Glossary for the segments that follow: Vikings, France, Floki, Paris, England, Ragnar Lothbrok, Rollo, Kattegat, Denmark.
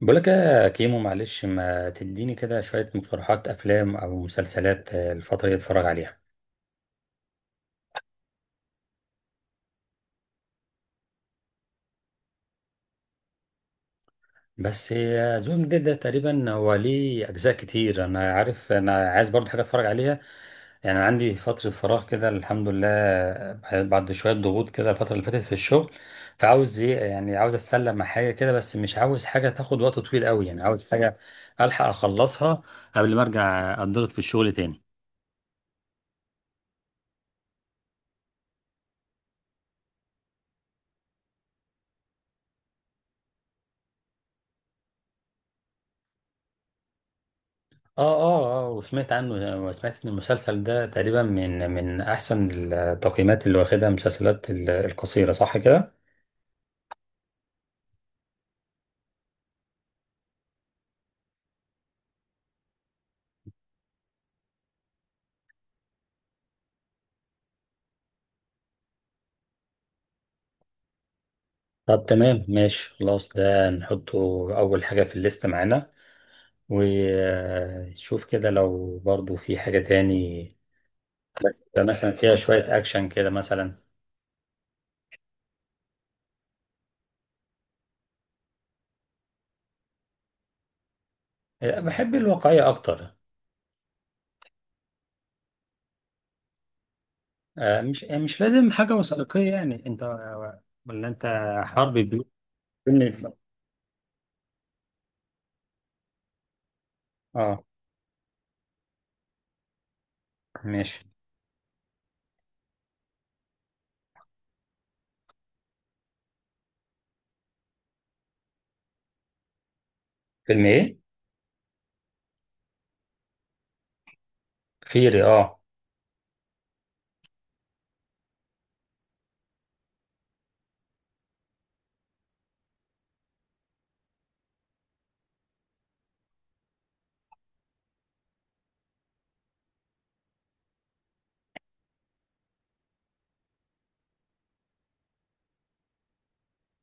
بقولك يا كيمو، معلش، ما تديني كده شوية مقترحات أفلام أو مسلسلات، الفترة دي أتفرج عليها. بس زون جديد ده تقريبا هو ليه أجزاء كتير. أنا عارف، أنا عايز برضه حاجة أتفرج عليها. يعني عندي فترة فراغ كده الحمد لله، بعد شوية ضغوط كده الفترة اللي فاتت في الشغل. فعاوز إيه؟ يعني عاوز أتسلى مع حاجة كده، بس مش عاوز حاجة تاخد وقت طويل قوي. يعني عاوز حاجة ألحق أخلصها قبل ما أرجع أتضغط في الشغل تاني. اه اه اه، وسمعت عنه، وسمعت ان المسلسل ده تقريبا من احسن التقييمات اللي واخدها المسلسلات القصيره، صح كده؟ طب تمام ماشي خلاص، ده نحطه اول حاجه في الليست معانا. وشوف كده لو برضو في حاجه تاني، بس مثلا فيها شويه اكشن كده مثلا. بحب الواقعيه اكتر. مش لازم حاجه وثائقيه، يعني انت، ولا انت، حرب بيوت، فيلم. اه، ماشي. فيلم ايه؟ خيري؟ اه.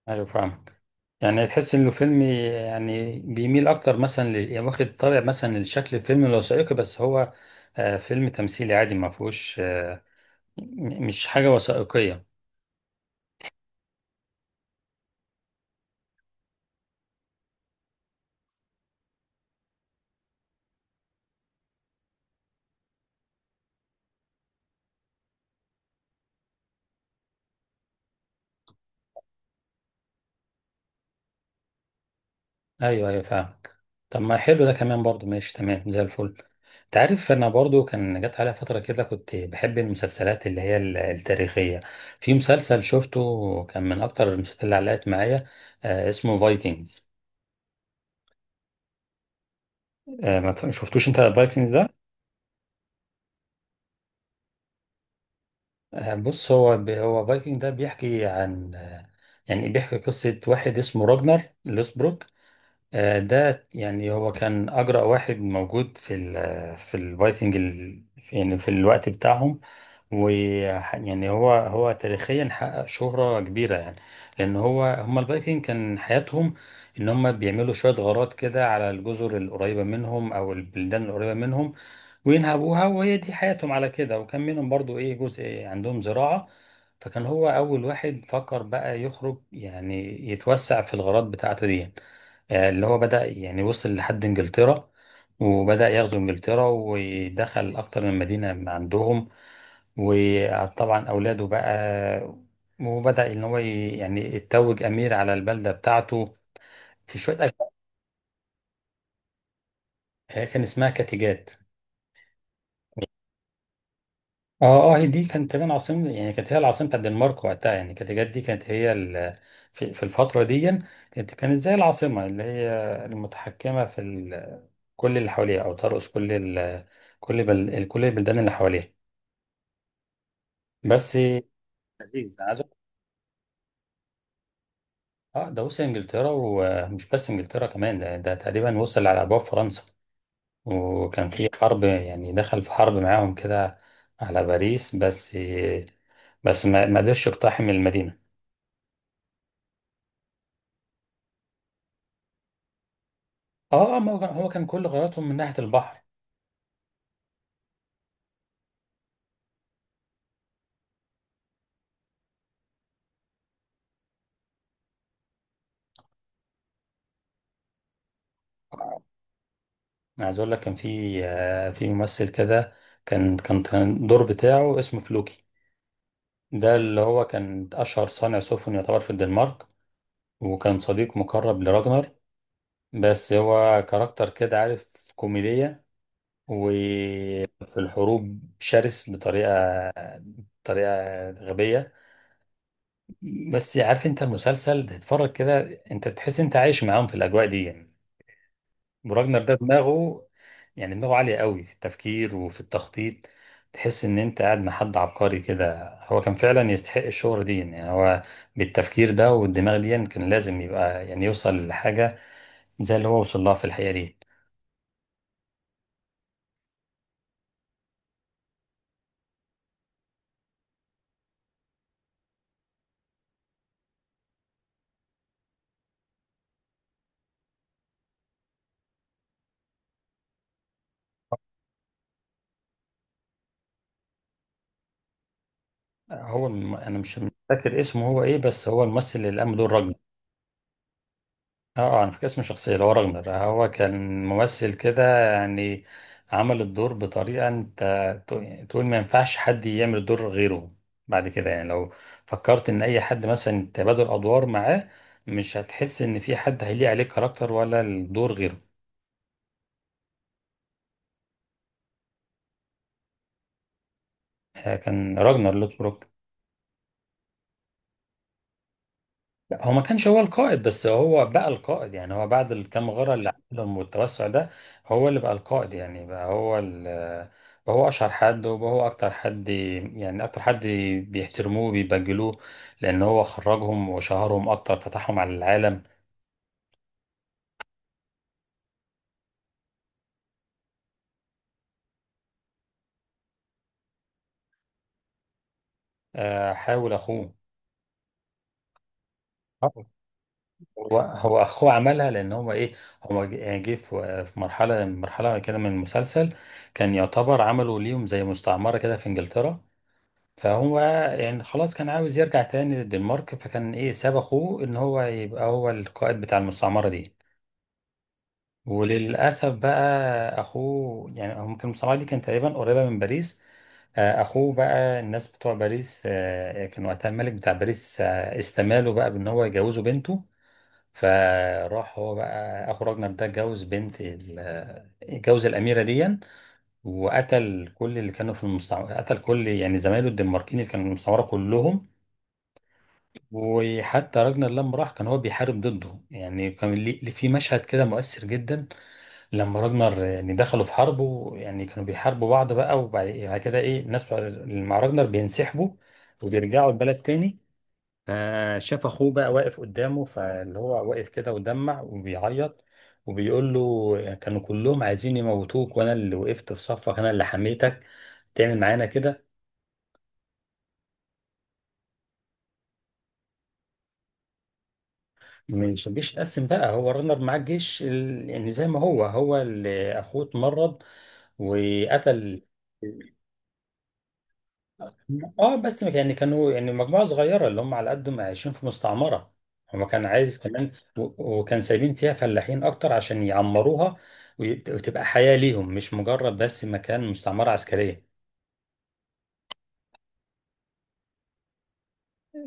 ايوه، فاهمك، يعني تحس انه فيلم، يعني بيميل اكتر مثلا يعني واخد طابع مثلا لشكل الفيلم الوثائقي، بس هو فيلم تمثيلي عادي، ما فيهوش مش حاجه وثائقيه. ايوه، ايوه، فاهمك. طب ما حلو ده كمان برضو، ماشي تمام زي الفل. انت عارف، انا برضو كان جت عليا فتره كده كنت بحب المسلسلات اللي هي التاريخيه. في مسلسل شفته كان من اكتر المسلسلات اللي علقت معايا، اسمه فايكنجز. ما شفتوش انت فايكنجز؟ بص، هو فايكنج ده بيحكي عن، يعني بيحكي قصة واحد اسمه راجنر لوسبروك. ده يعني هو كان أجرأ واحد موجود في الفايكنج يعني في الوقت بتاعهم. ويعني هو تاريخيا حقق شهرة كبيرة، يعني لأن هو هما الفايكنج كان حياتهم إن هما بيعملوا شوية غارات كده على الجزر القريبة منهم أو البلدان القريبة منهم وينهبوها، وهي دي حياتهم على كده، وكان منهم برضو جزء عندهم زراعة. فكان هو أول واحد فكر بقى يخرج، يعني يتوسع في الغارات بتاعته دي، يعني. اللي هو بدأ يعني وصل لحد إنجلترا، وبدأ يغزو إنجلترا ودخل أكتر من مدينة عندهم، وطبعا اولاده بقى وبدا ان هو يعني يتوج امير على البلده بتاعته، في شويه أجواء. هي كان اسمها كاتيجات. اه، اه، هي دي كانت تقريبا عاصمة، يعني كانت هي العاصمة بتاعت الدنمارك وقتها، يعني كاتيجات دي كانت هي في الفترة دي، كانت زي العاصمة اللي هي المتحكمة في كل اللي حواليها، أو ترأس كل ال كل بل كل البلدان اللي حواليها. بس. لذيذ، عايز. اه، ده وصل انجلترا، ومش بس انجلترا، كمان ده تقريبا وصل على ابواب فرنسا، وكان في حرب، يعني دخل في حرب معاهم كده على باريس. بس بس ما قدرش يقتحم المدينه. اه، ما هو كان كل غرضهم من ناحيه البحر. أنا عايز اقول لك، كان في ممثل كده، كان الدور بتاعه اسمه فلوكي. ده اللي هو كان اشهر صانع سفن يعتبر في الدنمارك، وكان صديق مقرب لراجنر. بس هو كاركتر كده، عارف، كوميديا، و في الحروب شرس بطريقه غبيه. بس عارف انت، المسلسل تتفرج كده انت تحس انت عايش معاهم في الاجواء دي، يعني. وراجنر ده دماغه، يعني دماغه عاليه قوي في التفكير وفي التخطيط. تحس ان انت قاعد مع حد عبقري كده. هو كان فعلا يستحق الشهرة دي، يعني هو بالتفكير ده والدماغ دي يعني كان لازم يبقى، يعني يوصل لحاجه زي اللي هو وصل لها في الحقيقه دي. هو انا مش فاكر اسمه هو ايه، بس هو الممثل اللي قام بدور راجنر. اه، انا فاكر اسم الشخصيه اللي هو راغنر. هو كان ممثل كده، يعني عمل الدور بطريقه، انت تقول ما ينفعش حد يعمل الدور غيره. بعد كده، يعني لو فكرت ان اي حد مثلا تبادل ادوار معاه، مش هتحس ان في حد هيليق عليه كاركتر ولا الدور غيره. كان راجنر لوثبروك. لا، هو ما كانش هو القائد، بس هو بقى القائد. يعني هو بعد الكام غارة اللي عملهم والتوسع ده، هو اللي بقى القائد. يعني بقى هو أشهر حد، وبقى هو أكتر حد بيحترموه، بيبجلوه، لأن هو خرجهم وشهرهم أكتر، فتحهم على العالم. حاول أخوه. آه. هو أخوه عملها لأن هو هو جه في مرحلة كده من المسلسل، كان يعتبر عملوا ليهم زي مستعمرة كده في إنجلترا، فهو يعني خلاص كان عاوز يرجع تاني للدنمارك، فكان ساب اخوه ان هو يبقى هو القائد بتاع المستعمرة دي. وللأسف بقى اخوه، يعني هو كان المستعمرة دي كانت تقريبا قريبة من باريس، اخوه بقى الناس بتوع باريس، يعني كان وقتها الملك بتاع باريس استماله بقى بان هو يجوزه بنته. فراح هو بقى اخو راجنر ده اتجوز بنت ال- آه، اتجوز الاميره دي، وقتل كل اللي كانوا في المستعمره، قتل كل يعني زمايله الدنماركيين اللي كانوا في المستعمره كلهم. وحتى راجنر لما راح كان هو بيحارب ضده، يعني في مشهد كده مؤثر جدا، لما راجنر يعني دخلوا في حرب، يعني كانوا بيحاربوا بعض بقى، وبعد يعني كده الناس بتوع اللي مع راجنر بينسحبوا وبيرجعوا البلد تاني. فشاف اخوه بقى واقف قدامه، فاللي هو واقف كده ودمع وبيعيط وبيقول له كانوا كلهم عايزين يموتوك، وانا اللي وقفت في صفك، انا اللي حميتك، تعمل معانا كده؟ مش الجيش اتقسم، بقى هو رنر مع الجيش يعني زي ما هو اللي اخوه اتمرض وقتل. اه، بس يعني كانوا يعني مجموعة صغيرة اللي هم على قدهم عايشين في مستعمرة، هو كان عايز كمان، وكان سايبين فيها فلاحين اكتر عشان يعمروها، وتبقى حياة ليهم، مش مجرد بس مكان مستعمرة عسكرية.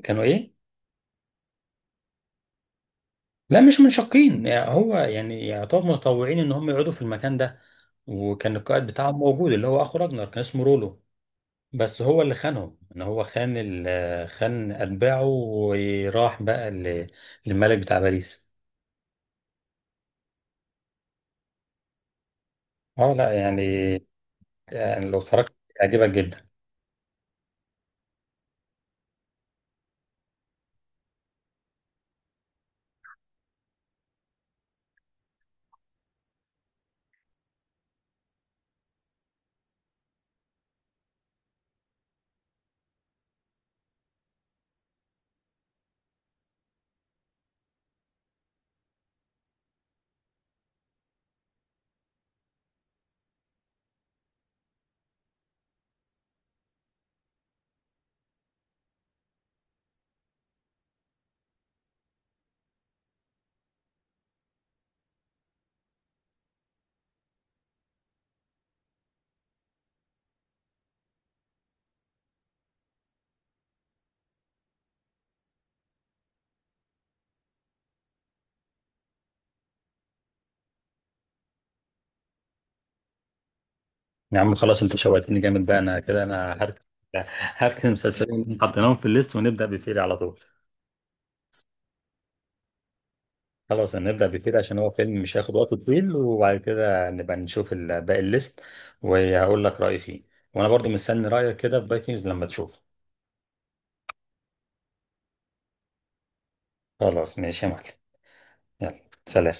كانوا ايه؟ لا، مش منشقين، يعني هو يعني يعتبر متطوعين ان هم يقعدوا في المكان ده، وكان القائد بتاعهم موجود اللي هو اخو راجنر، كان اسمه رولو. بس هو اللي خانهم، ان هو خان اتباعه وراح بقى للملك بتاع باريس. اه، لا يعني، يعني لو اتفرجت هيعجبك جدا. يا عم، خلاص، انت شوقتني جامد، بقى انا كده انا هركن. هركن المسلسلين، حطيناهم في الليست، ونبدا بفيري على طول. خلاص، هنبدا بفيري عشان هو فيلم مش هياخد وقت طويل، وبعد كده نبقى نشوف باقي الليست، وهقول لك رايي فيه، وانا برضو مستني رايك كده في فايكنجز لما تشوفه. خلاص، ماشي يا معلم. يلا. سلام.